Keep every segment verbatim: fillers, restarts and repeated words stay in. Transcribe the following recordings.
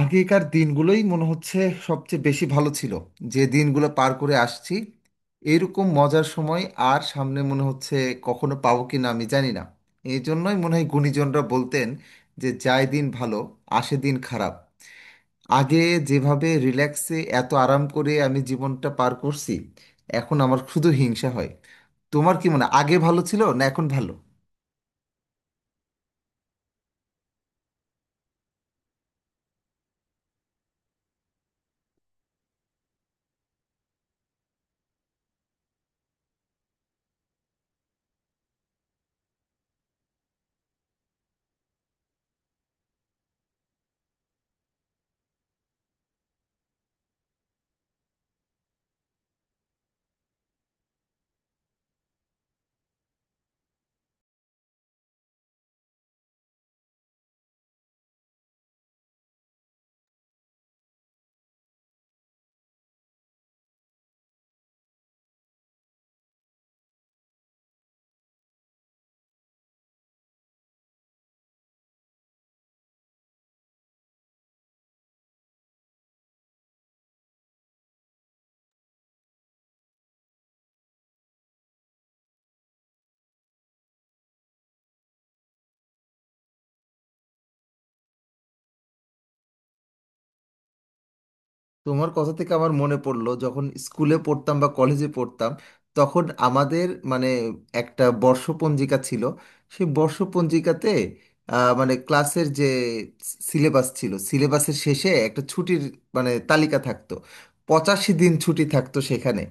আগেকার দিনগুলোই মনে হচ্ছে সবচেয়ে বেশি ভালো ছিল, যে দিনগুলো পার করে আসছি এইরকম মজার সময়। আর সামনে মনে হচ্ছে কখনো পাবো কি না আমি জানি না। এই জন্যই মনে হয় গুণীজনরা বলতেন যে যায় দিন ভালো আসে দিন খারাপ। আগে যেভাবে রিল্যাক্সে এত আরাম করে আমি জীবনটা পার করছি এখন আমার শুধু হিংসা হয়। তোমার কি মনে হয় আগে ভালো ছিল না এখন ভালো? তোমার কথা থেকে আমার মনে পড়লো, যখন স্কুলে পড়তাম বা কলেজে পড়তাম তখন আমাদের মানে একটা বর্ষপঞ্জিকা ছিল। সেই বর্ষপঞ্জিকাতে আহ, মানে ক্লাসের যে সিলেবাস ছিল, সিলেবাসের শেষে একটা ছুটির মানে তালিকা থাকতো। পঁচাশি দিন ছুটি থাকতো সেখানে।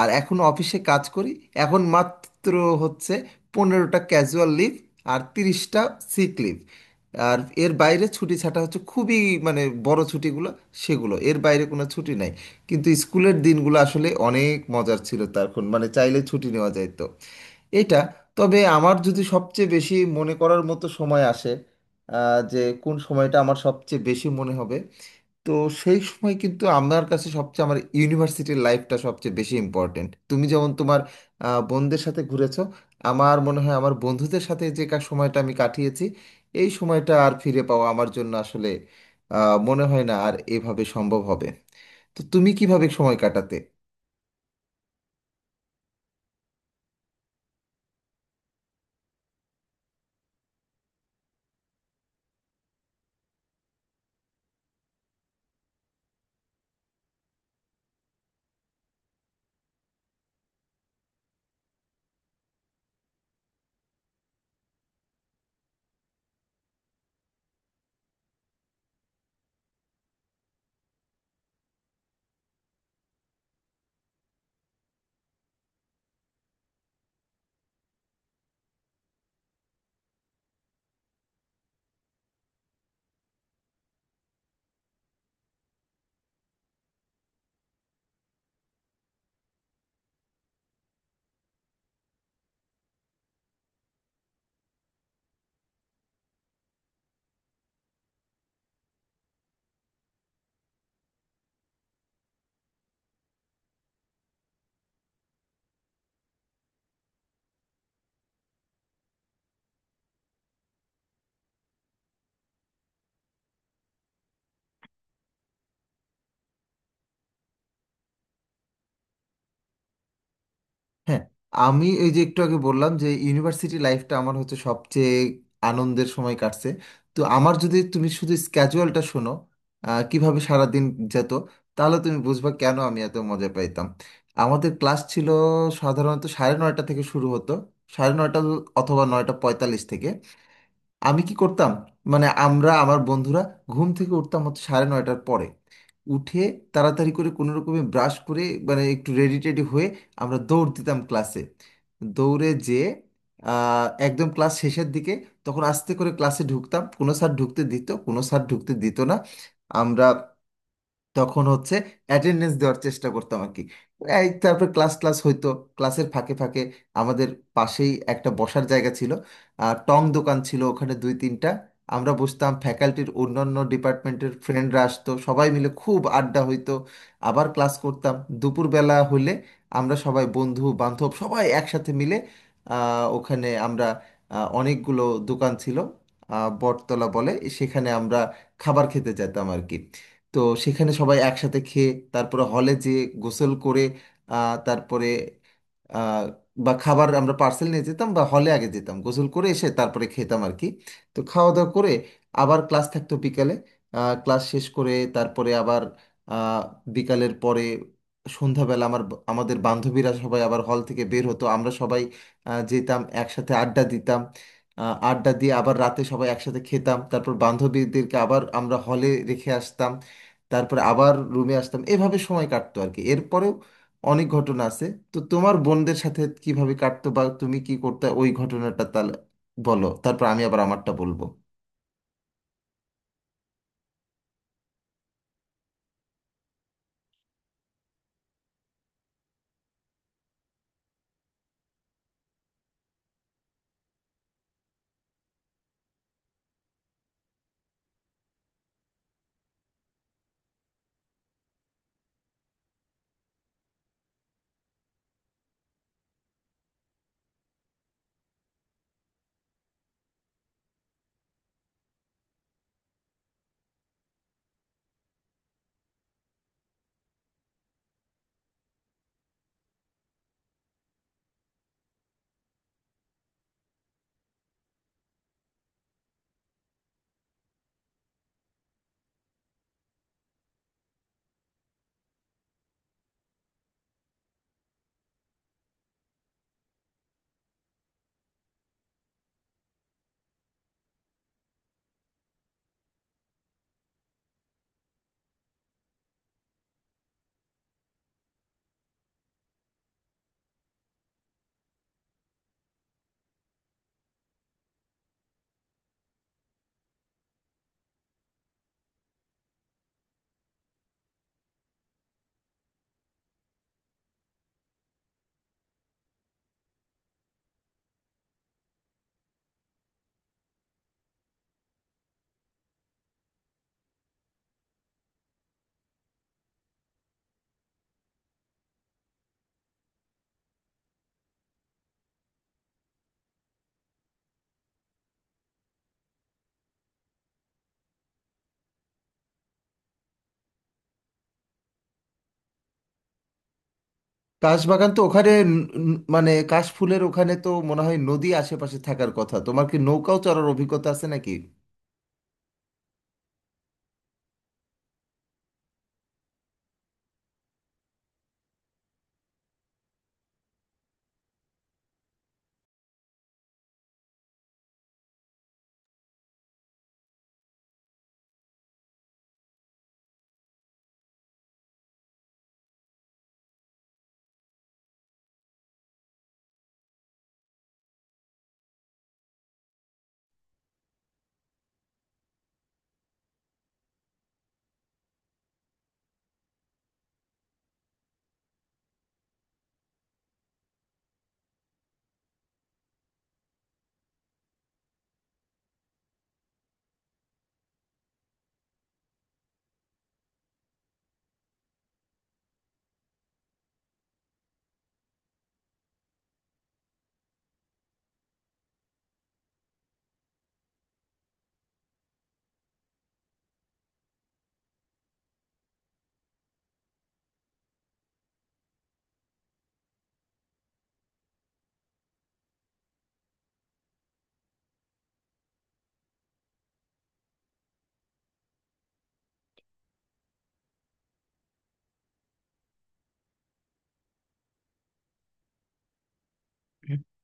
আর এখন অফিসে কাজ করি। এখন মাত্র হচ্ছে পনেরোটা ক্যাজুয়াল লিভ আর তিরিশটা সিক লিভ। আর এর বাইরে ছুটি ছাটা হচ্ছে খুবই মানে বড় ছুটিগুলো, সেগুলো এর বাইরে কোনো ছুটি নাই। কিন্তু স্কুলের দিনগুলো আসলে অনেক মজার ছিল, তখন মানে চাইলে ছুটি নেওয়া যায় তো এটা। তবে আমার যদি সবচেয়ে বেশি মনে করার মতো সময় আসে, আহ, যে কোন সময়টা আমার সবচেয়ে বেশি মনে হবে তো সেই সময়, কিন্তু আমার কাছে সবচেয়ে আমার ইউনিভার্সিটির লাইফটা সবচেয়ে বেশি ইম্পর্টেন্ট। তুমি যেমন তোমার আহ, বন্ধুদের সাথে ঘুরেছো, আমার মনে হয় আমার বন্ধুদের সাথে যে কা- সময়টা আমি কাটিয়েছি এই সময়টা আর ফিরে পাওয়া আমার জন্য আসলে আহ, মনে হয় না আর এভাবে সম্ভব হবে। তো তুমি কিভাবে সময় কাটাতে? হ্যাঁ, আমি এই যে একটু আগে বললাম যে ইউনিভার্সিটি লাইফটা আমার হচ্ছে সবচেয়ে আনন্দের সময় কাটছে। তো আমার যদি তুমি শুধু স্ক্যাজুয়ালটা শোনো আহ, কিভাবে সারাদিন যেত, তাহলে তুমি বুঝবা কেন আমি এত মজা পাইতাম। আমাদের ক্লাস ছিল সাধারণত সাড়ে নয়টা থেকে শুরু হতো, সাড়ে নয়টা অথবা নয়টা পঁয়তাল্লিশ থেকে। আমি কি করতাম মানে আমরা, আমার বন্ধুরা ঘুম থেকে উঠতাম হচ্ছে সাড়ে নয়টার পরে। উঠে তাড়াতাড়ি করে কোনো রকমে ব্রাশ করে মানে একটু রেডি টেডি হয়ে আমরা দৌড় দিতাম ক্লাসে। দৌড়ে যেয়ে আহ, একদম ক্লাস শেষের দিকে তখন আস্তে করে ক্লাসে ঢুকতাম, কোনো স্যার ঢুকতে দিত কোনো স্যার ঢুকতে দিত না। আমরা তখন হচ্ছে অ্যাটেন্ডেন্স দেওয়ার চেষ্টা করতাম আর কি। এই তারপর ক্লাস ক্লাস হইতো। ক্লাসের ফাঁকে ফাঁকে আমাদের পাশেই একটা বসার জায়গা ছিল, আর টং দোকান ছিল ওখানে দুই তিনটা। আমরা বসতাম, ফ্যাকাল্টির অন্যান্য ডিপার্টমেন্টের ফ্রেন্ডরা আসতো, সবাই মিলে খুব আড্ডা হইতো। আবার ক্লাস করতাম। দুপুরবেলা হলে আমরা সবাই বন্ধু বান্ধব সবাই একসাথে মিলে আহ, ওখানে আমরা, আহ, অনেকগুলো দোকান ছিল আহ, বটতলা বলে, সেখানে আমরা খাবার খেতে যেতাম আর কি। তো সেখানে সবাই একসাথে খেয়ে তারপরে হলে যে গোসল করে আহ, তারপরে, আহ, বা খাবার আমরা পার্সেল নিয়ে যেতাম বা হলে আগে যেতাম গোসল করে এসে তারপরে খেতাম আর কি। তো খাওয়া দাওয়া করে আবার ক্লাস থাকতো বিকালে। আহ, ক্লাস শেষ করে তারপরে আবার আহ, বিকালের পরে সন্ধ্যাবেলা আমার, আমাদের বান্ধবীরা সবাই আবার হল থেকে বের হতো, আমরা সবাই আহ, যেতাম একসাথে আড্ডা দিতাম। আহ, আড্ডা দিয়ে আবার রাতে সবাই একসাথে খেতাম, তারপর বান্ধবীদেরকে আবার আমরা হলে রেখে আসতাম। তারপরে আবার রুমে আসতাম, এভাবে সময় কাটতো আর কি। এরপরেও অনেক ঘটনা আছে। তো তোমার বোনদের সাথে কিভাবে কাটতো বা তুমি কি করতে, ওই ঘটনাটা তাহলে বলো, তারপর আমি আবার আমারটা বলবো। কাশবাগান তো ওখানে ন- ন- মানে কাশফুলের ওখানে তো মনে হয় নদী আশেপাশে থাকার কথা, তোমার কি নৌকাও চড়ার অভিজ্ঞতা আছে নাকি?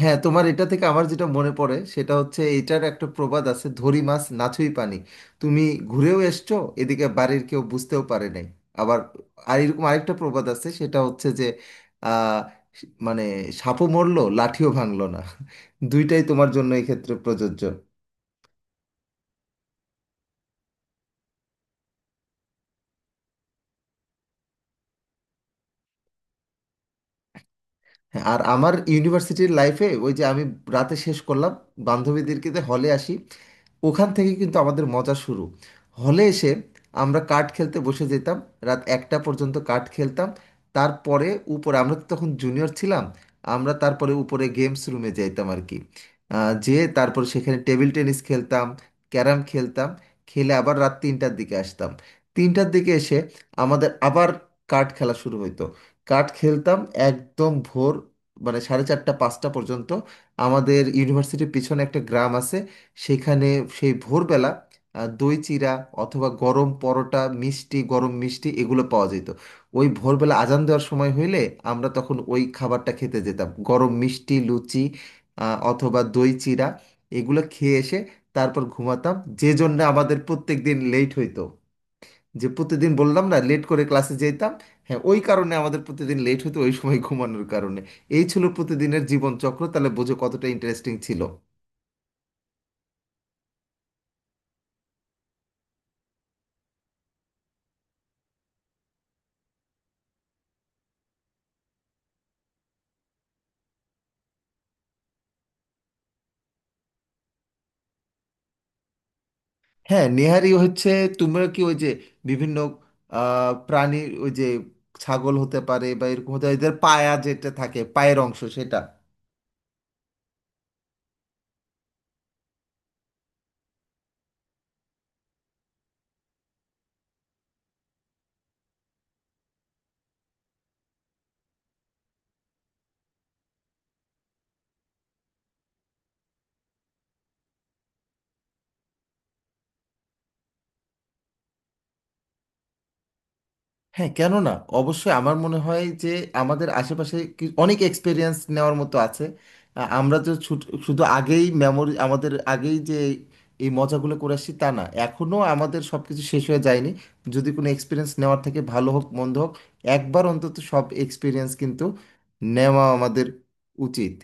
হ্যাঁ, তোমার এটা থেকে আমার যেটা মনে পড়ে সেটা হচ্ছে এটার একটা প্রবাদ আছে, ধরি মাছ নাথুই পানি। তুমি ঘুরেও এসছো এদিকে বাড়ির কেউ বুঝতেও পারে নাই। আবার আর এরকম আরেকটা প্রবাদ আছে, সেটা হচ্ছে যে আহ, মানে সাপও মরলো লাঠিও ভাঙলো না। দুইটাই তোমার জন্য এক্ষেত্রে প্রযোজ্য। হ্যাঁ, আর আমার ইউনিভার্সিটির লাইফে ওই যে আমি রাতে শেষ করলাম বান্ধবীদেরকে হলে আসি, ওখান থেকে কিন্তু আমাদের মজা শুরু। হলে এসে আমরা কার্ড খেলতে বসে যেতাম, রাত একটা পর্যন্ত কার্ড খেলতাম। তারপরে উপরে, আমরা তো তখন জুনিয়র ছিলাম, আমরা তারপরে উপরে গেমস রুমে যাইতাম আর কি। আহ, যেয়ে তারপর সেখানে টেবিল টেনিস খেলতাম, ক্যারাম খেলতাম। খেলে আবার রাত তিনটার দিকে আসতাম, তিনটার দিকে এসে আমাদের আবার কার্ড খেলা শুরু হইতো। কার্ড খেলতাম একদম ভোর মানে সাড়ে চারটা পাঁচটা পর্যন্ত। আমাদের ইউনিভার্সিটির পিছনে একটা গ্রাম আছে, সেখানে সেই ভোরবেলা আহ, দই চিরা অথবা গরম পরোটা মিষ্টি গরম মিষ্টি এগুলো পাওয়া যেত। ওই ভোরবেলা আজান দেওয়ার সময় হইলে আমরা তখন ওই খাবারটা খেতে যেতাম গরম মিষ্টি লুচি আহ, অথবা দই চিরা। এগুলো খেয়ে এসে তারপর ঘুমাতাম। যে জন্য আমাদের প্রত্যেক দিন লেট হইতো, যে প্রতিদিন বললাম না লেট করে ক্লাসে যেতাম। হ্যাঁ, ওই কারণে আমাদের প্রতিদিন লেট হতো, ওই সময় ঘুমানোর কারণে। এই ছিল প্রতিদিনের জীবনচক্র, তাহলে বোঝো কতটা ইন্টারেস্টিং ছিল। হ্যাঁ, নেহারি হচ্ছে তোমরা কি ওই যে বিভিন্ন আহ প্রাণীর ওই যে ছাগল হতে পারে বা এরকম হতে পারে, এদের পায়া যেটা থাকে পায়ের অংশ সেটা? হ্যাঁ, কেন না, অবশ্যই আমার মনে হয় যে আমাদের আশেপাশে কি- অনেক এক্সপিরিয়েন্স নেওয়ার মতো আছে। আ- আমরা তো ছুট- শুধু আগেই মেমোরি, আমাদের আগেই যে এই মজাগুলো করে আসছি তা না, এখনও আমাদের সব কিছু শেষ হয়ে যায়নি। যদি কোনো এক্সপিরিয়েন্স নেওয়ার, থেকে ভালো হোক মন্দ হোক একবার অন্তত সব এক্সপিরিয়েন্স কিন্তু নেওয়া আমাদের উচিত।